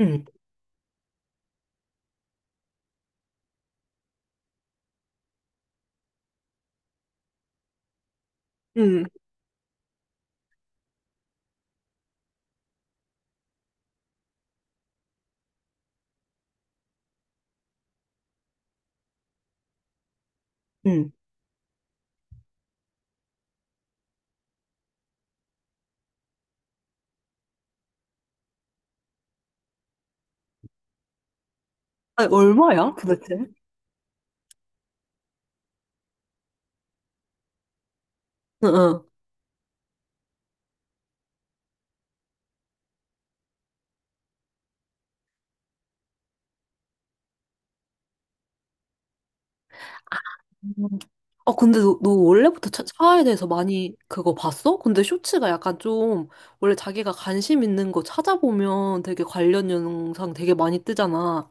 응, 응, 응. 아니, 얼마야, 도대체? 응, 응. 음. 아, 근데 너 원래부터 차에 대해서 많이 그거 봤어? 근데 쇼츠가 약간 좀, 원래 자기가 관심 있는 거 찾아보면 되게 관련 영상 되게 많이 뜨잖아.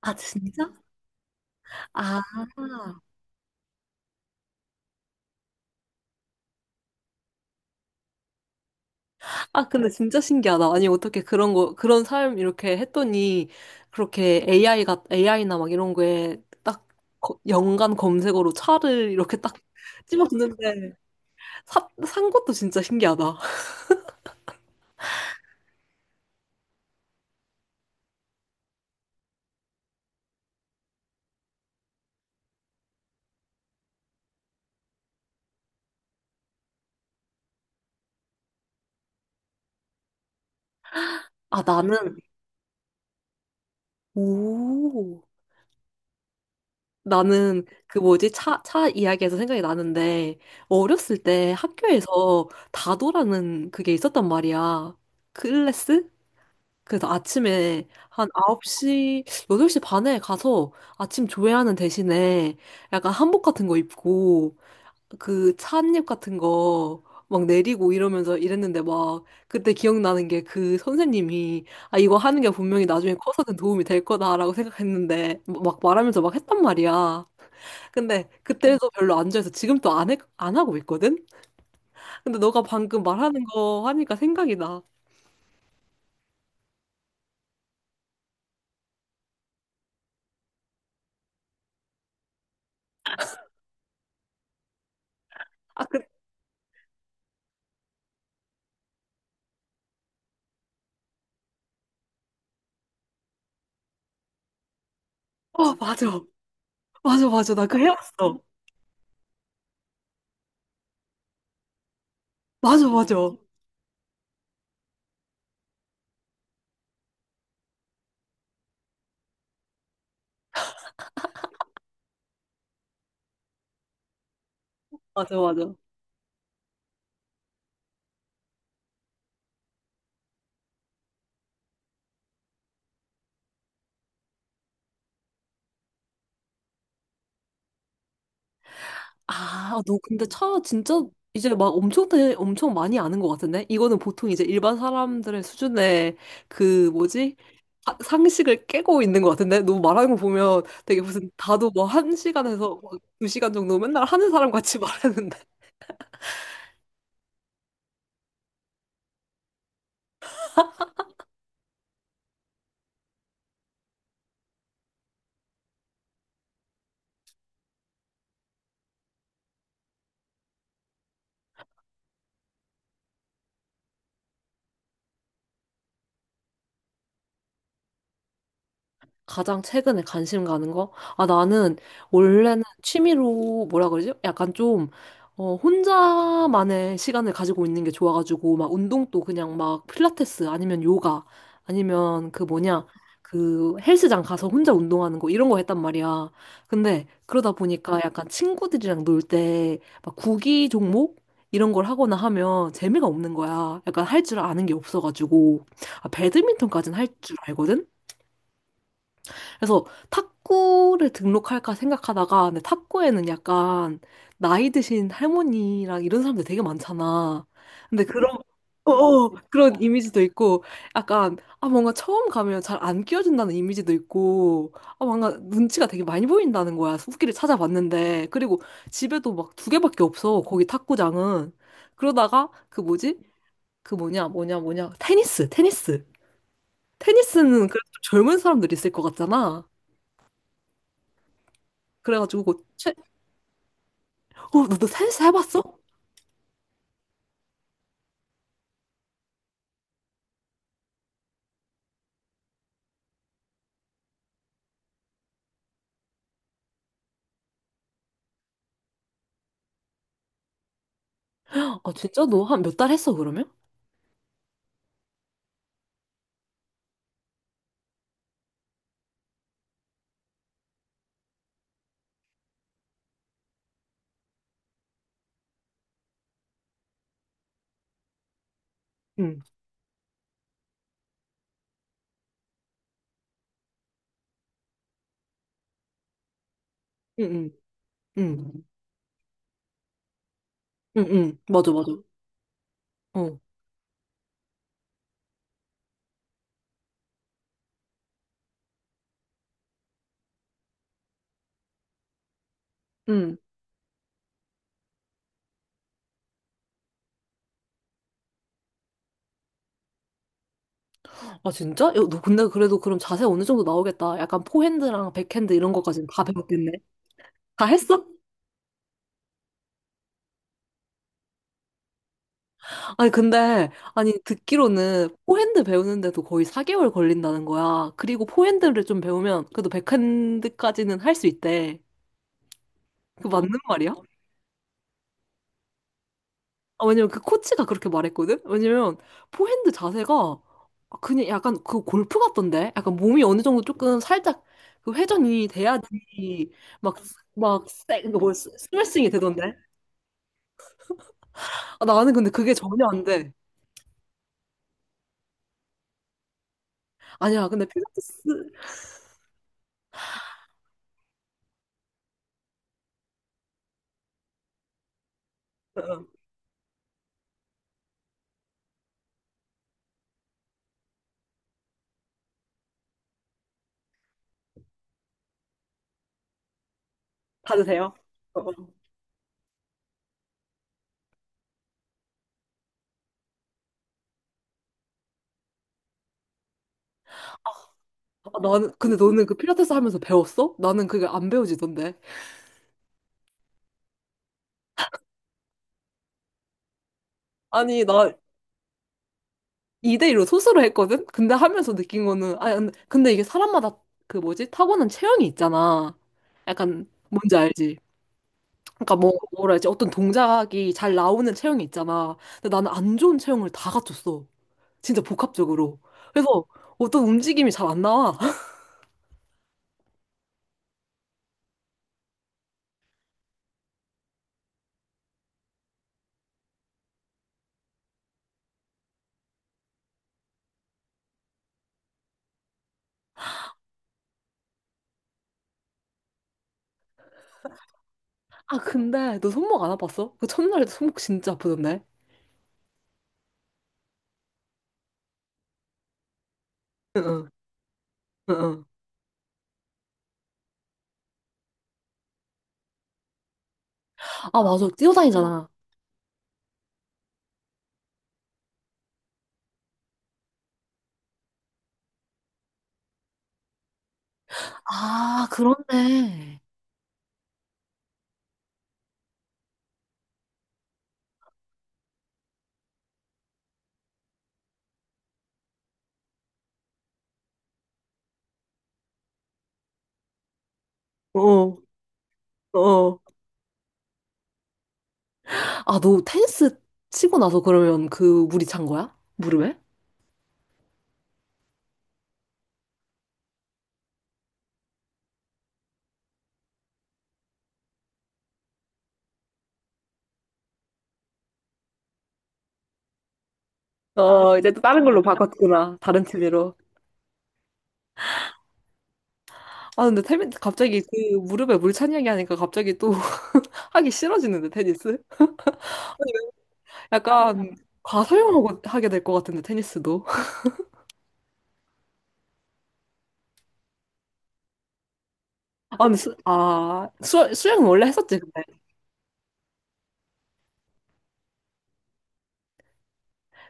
아, 진짜? 아, 아, 근데 진짜 신기하다. 아니, 어떻게 그런 거, 그런 삶 이렇게 했더니, 그렇게 AI가, AI나 막 이런 거에 딱 연관 검색어로 차를 이렇게 딱 집어넣는데, 산 것도 진짜 신기하다. 아, 나는, 오, 나는 그 뭐지, 차 이야기에서 생각이 나는데, 어렸을 때 학교에서 다도라는 그게 있었단 말이야. 클래스? 그래서 아침에 한 9시, 8시 반에 가서 아침 조회하는 대신에 약간 한복 같은 거 입고 그 찻잎 같은 거 막 내리고 이러면서 이랬는데 막 그때 기억나는 게 그 선생님이 아 이거 하는 게 분명히 나중에 커서는 도움이 될 거다라고 생각했는데 뭐 막 말하면서 막 했단 말이야. 근데 그때도 별로 안 좋아해서 지금 또 안 하고 있거든? 근데 너가 방금 말하는 거 하니까 생각이 나. 아, 그, 어, 맞아. 맞아, 맞아. 나 그거 해왔어. 맞아, 맞아. 맞아, 맞아. 아, 어, 너 근데 차 진짜 이제 막 엄청 엄청 많이 아는 것 같은데? 이거는 보통 이제 일반 사람들의 수준의 그 뭐지? 아, 상식을 깨고 있는 것 같은데? 너 말하는 거 보면 되게 무슨 다도 뭐 한 시간에서 뭐 두 시간 정도 맨날 하는 사람 같이 말하는데? 가장 최근에 관심 가는 거? 아, 나는 원래는 취미로 뭐라 그러지? 약간 좀, 어, 혼자만의 시간을 가지고 있는 게 좋아가지고, 막 운동도 그냥 막 필라테스 아니면 요가 아니면 그 뭐냐, 그 헬스장 가서 혼자 운동하는 거 이런 거 했단 말이야. 근데 그러다 보니까 약간 친구들이랑 놀 때 막 구기 종목? 이런 걸 하거나 하면 재미가 없는 거야. 약간 할 줄 아는 게 없어가지고. 아, 배드민턴까지는 할 줄 알거든? 그래서 탁구를 등록할까 생각하다가 근데 탁구에는 약간 나이 드신 할머니랑 이런 사람들 되게 많잖아. 근데 그런 어, 어, 그런 이미지도 있고 약간 아 뭔가 처음 가면 잘 안 끼워준다는 이미지도 있고 아 뭔가 눈치가 되게 많이 보인다는 거야. 후기를 찾아봤는데 그리고 집에도 막 두 개밖에 없어. 거기 탁구장은 그러다가 그 뭐지? 그 뭐냐 테니스는 그래도 좀 젊은 사람들이 있을 것 같잖아. 그래가지고 어, 너 텐스 해봤어? 아, 진짜? 너 한 몇 달 했어, 그러면? 응, 응, 응, 응, 응, 맞아, 맞아. 어. 응. 아, 진짜? 야, 너 근데 그래도 그럼 자세 어느 정도 나오겠다. 약간 포핸드랑 백핸드 이런 것까지는 다 배웠겠네. 다 했어? 아니, 근데, 아니, 듣기로는 포핸드 배우는데도 거의 4개월 걸린다는 거야. 그리고 포핸드를 좀 배우면 그래도 백핸드까지는 할 수 있대. 그 맞는 말이야? 아, 왜냐면 그 코치가 그렇게 말했거든? 왜냐면 포핸드 자세가 그냥 약간 그 골프 같던데? 약간 몸이 어느 정도 조금 살짝 그 회전이 돼야지 막, 스매싱이 되던데? 아, 나는 근데 그게 전혀 안 돼. 아니야, 근데 필라테스, 어, 어. 다 드세요? 어, 어. 아, 나는, 근데 너는 그 필라테스 하면서 배웠어? 나는 그게 안 배워지던데. 아니, 나 2대1로 소수로 했거든? 근데 하면서 느낀 거는, 아, 근데 이게 사람마다 그 뭐지? 타고난 체형이 있잖아. 약간, 뭔지 알지? 그러니까 뭐, 뭐라 해야지? 어떤 동작이 잘 나오는 체형이 있잖아. 근데 나는 안 좋은 체형을 다 갖췄어. 진짜 복합적으로. 그래서 어떤 움직임이 잘 안 나와. 아, 근데 너 손목 안 아팠어? 그 첫날에도 손목 진짜 아프던데? 응, 응, 응. 응. 아, 맞아. 뛰어다니잖아. 아, 그렇네. 어, 어. 아, 너 테니스 치고 나서 그러면 그 물이 찬 거야? 무릎에? 어, 이제 또 다른 걸로 바꿨구나. 다른 취미로. 아, 근데 테니스 갑자기 그 무릎에 물 찬 이야기 하니까 갑자기 또 하기 싫어지는데, 테니스? 약간 과사용하고 하게 될 것 같은데, 테니스도. 아, 근데 수영은 원래 했었지, 근데.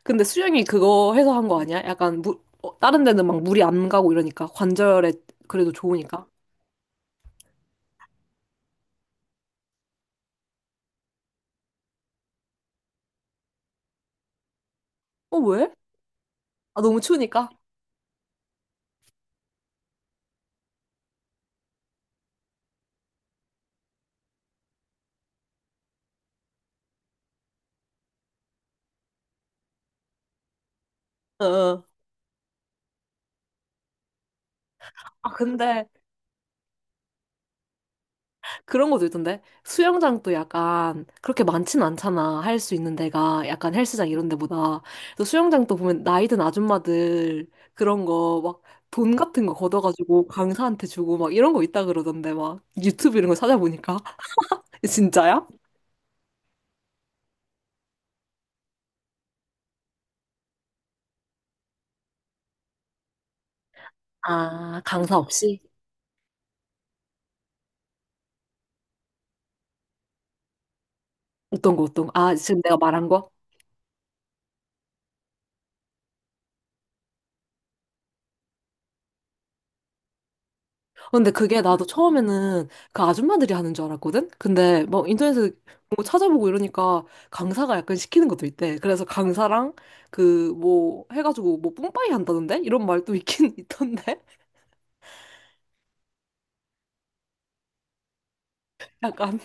근데 수영이 그거 해서 한 거 아니야? 약간 물, 어, 다른 데는 막 물이 안 가고 이러니까. 관절에 그래도 좋으니까. 어, 왜? 아, 너무 추우니까. 어. 어. 아, 근데 그런 것도 있던데? 수영장도 약간 그렇게 많진 않잖아. 할 수 있는 데가 약간 헬스장 이런 데보다. 그래서 수영장도 보면 나이 든 아줌마들 그런 거 막 돈 같은 거 걷어가지고 강사한테 주고 막 이런 거 있다 그러던데 막 유튜브 이런 거 찾아보니까. 진짜야? 아, 강사 없이? 어떤 거, 어떤 거? 아, 지금 내가 말한 거? 근데 그게 나도 처음에는 그 아줌마들이 하는 줄 알았거든? 근데 뭐 인터넷에 뭐 찾아보고 이러니까 강사가 약간 시키는 것도 있대. 그래서 강사랑 그 뭐 해가지고 뭐 뿜빠이 한다던데? 이런 말도 있긴 있던데? 약간,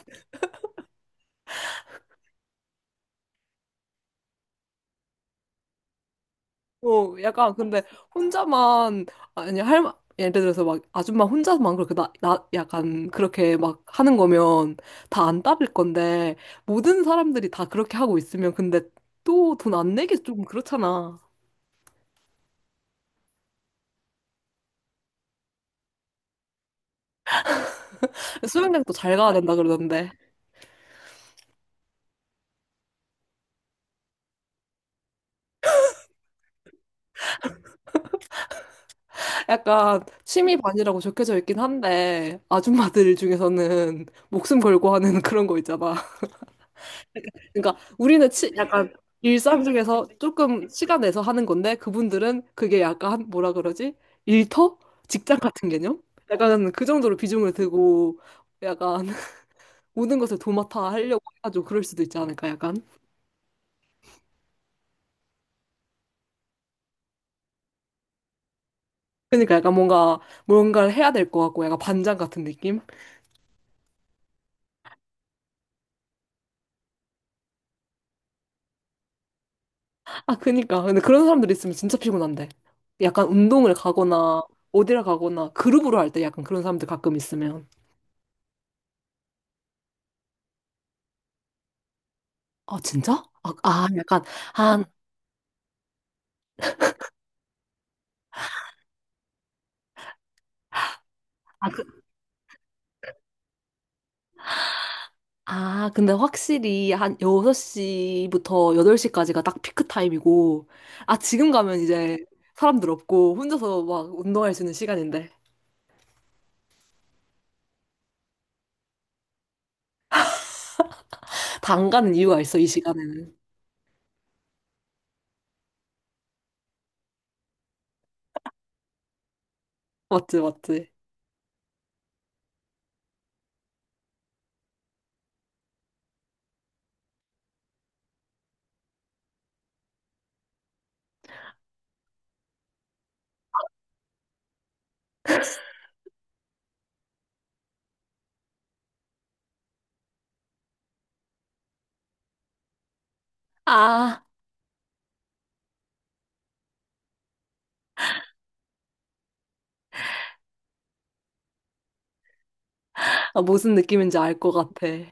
어, 약간 근데 혼자만, 아니, 예를 들어서 막 아줌마 혼자만 그렇게 약간 그렇게 막 하는 거면 다 안 따를 건데 모든 사람들이 다 그렇게 하고 있으면 근데 또 돈 안 내기 좀 그렇잖아. 수영장도 잘 가야 된다 그러던데. 약간 취미 반이라고 적혀져 있긴 한데 아줌마들 중에서는 목숨 걸고 하는 그런 거 있잖아. 그러니까 우리는 약간 일상 중에서 조금 시간 내서 하는 건데 그분들은 그게 약간 뭐라 그러지? 일터? 직장 같은 개념? 약간 그 정도로 비중을 두고 약간 모든 것을 도맡아 하려고 해가지고 그럴 수도 있지 않을까 약간. 그러니까 약간 뭔가를 해야 될 것 같고 약간 반장 같은 느낌? 아, 그니까. 근데 그런 사람들 있으면 진짜 피곤한데. 약간 운동을 가거나, 어디를 가거나, 그룹으로 할 때 약간 그런 사람들 가끔 있으면. 아, 진짜? 아, 아 약간, 한, 아, 그, 아, 근데 확실히 한 6시부터 8시까지가 딱 피크 타임이고, 아, 지금 가면 이제 사람들 없고, 혼자서 막 운동할 수 있는 시간인데. 다 안 가는 이유가 있어, 이 시간에는. 맞지, 맞지. 아, 아 무슨 느낌인지 알 것 같아.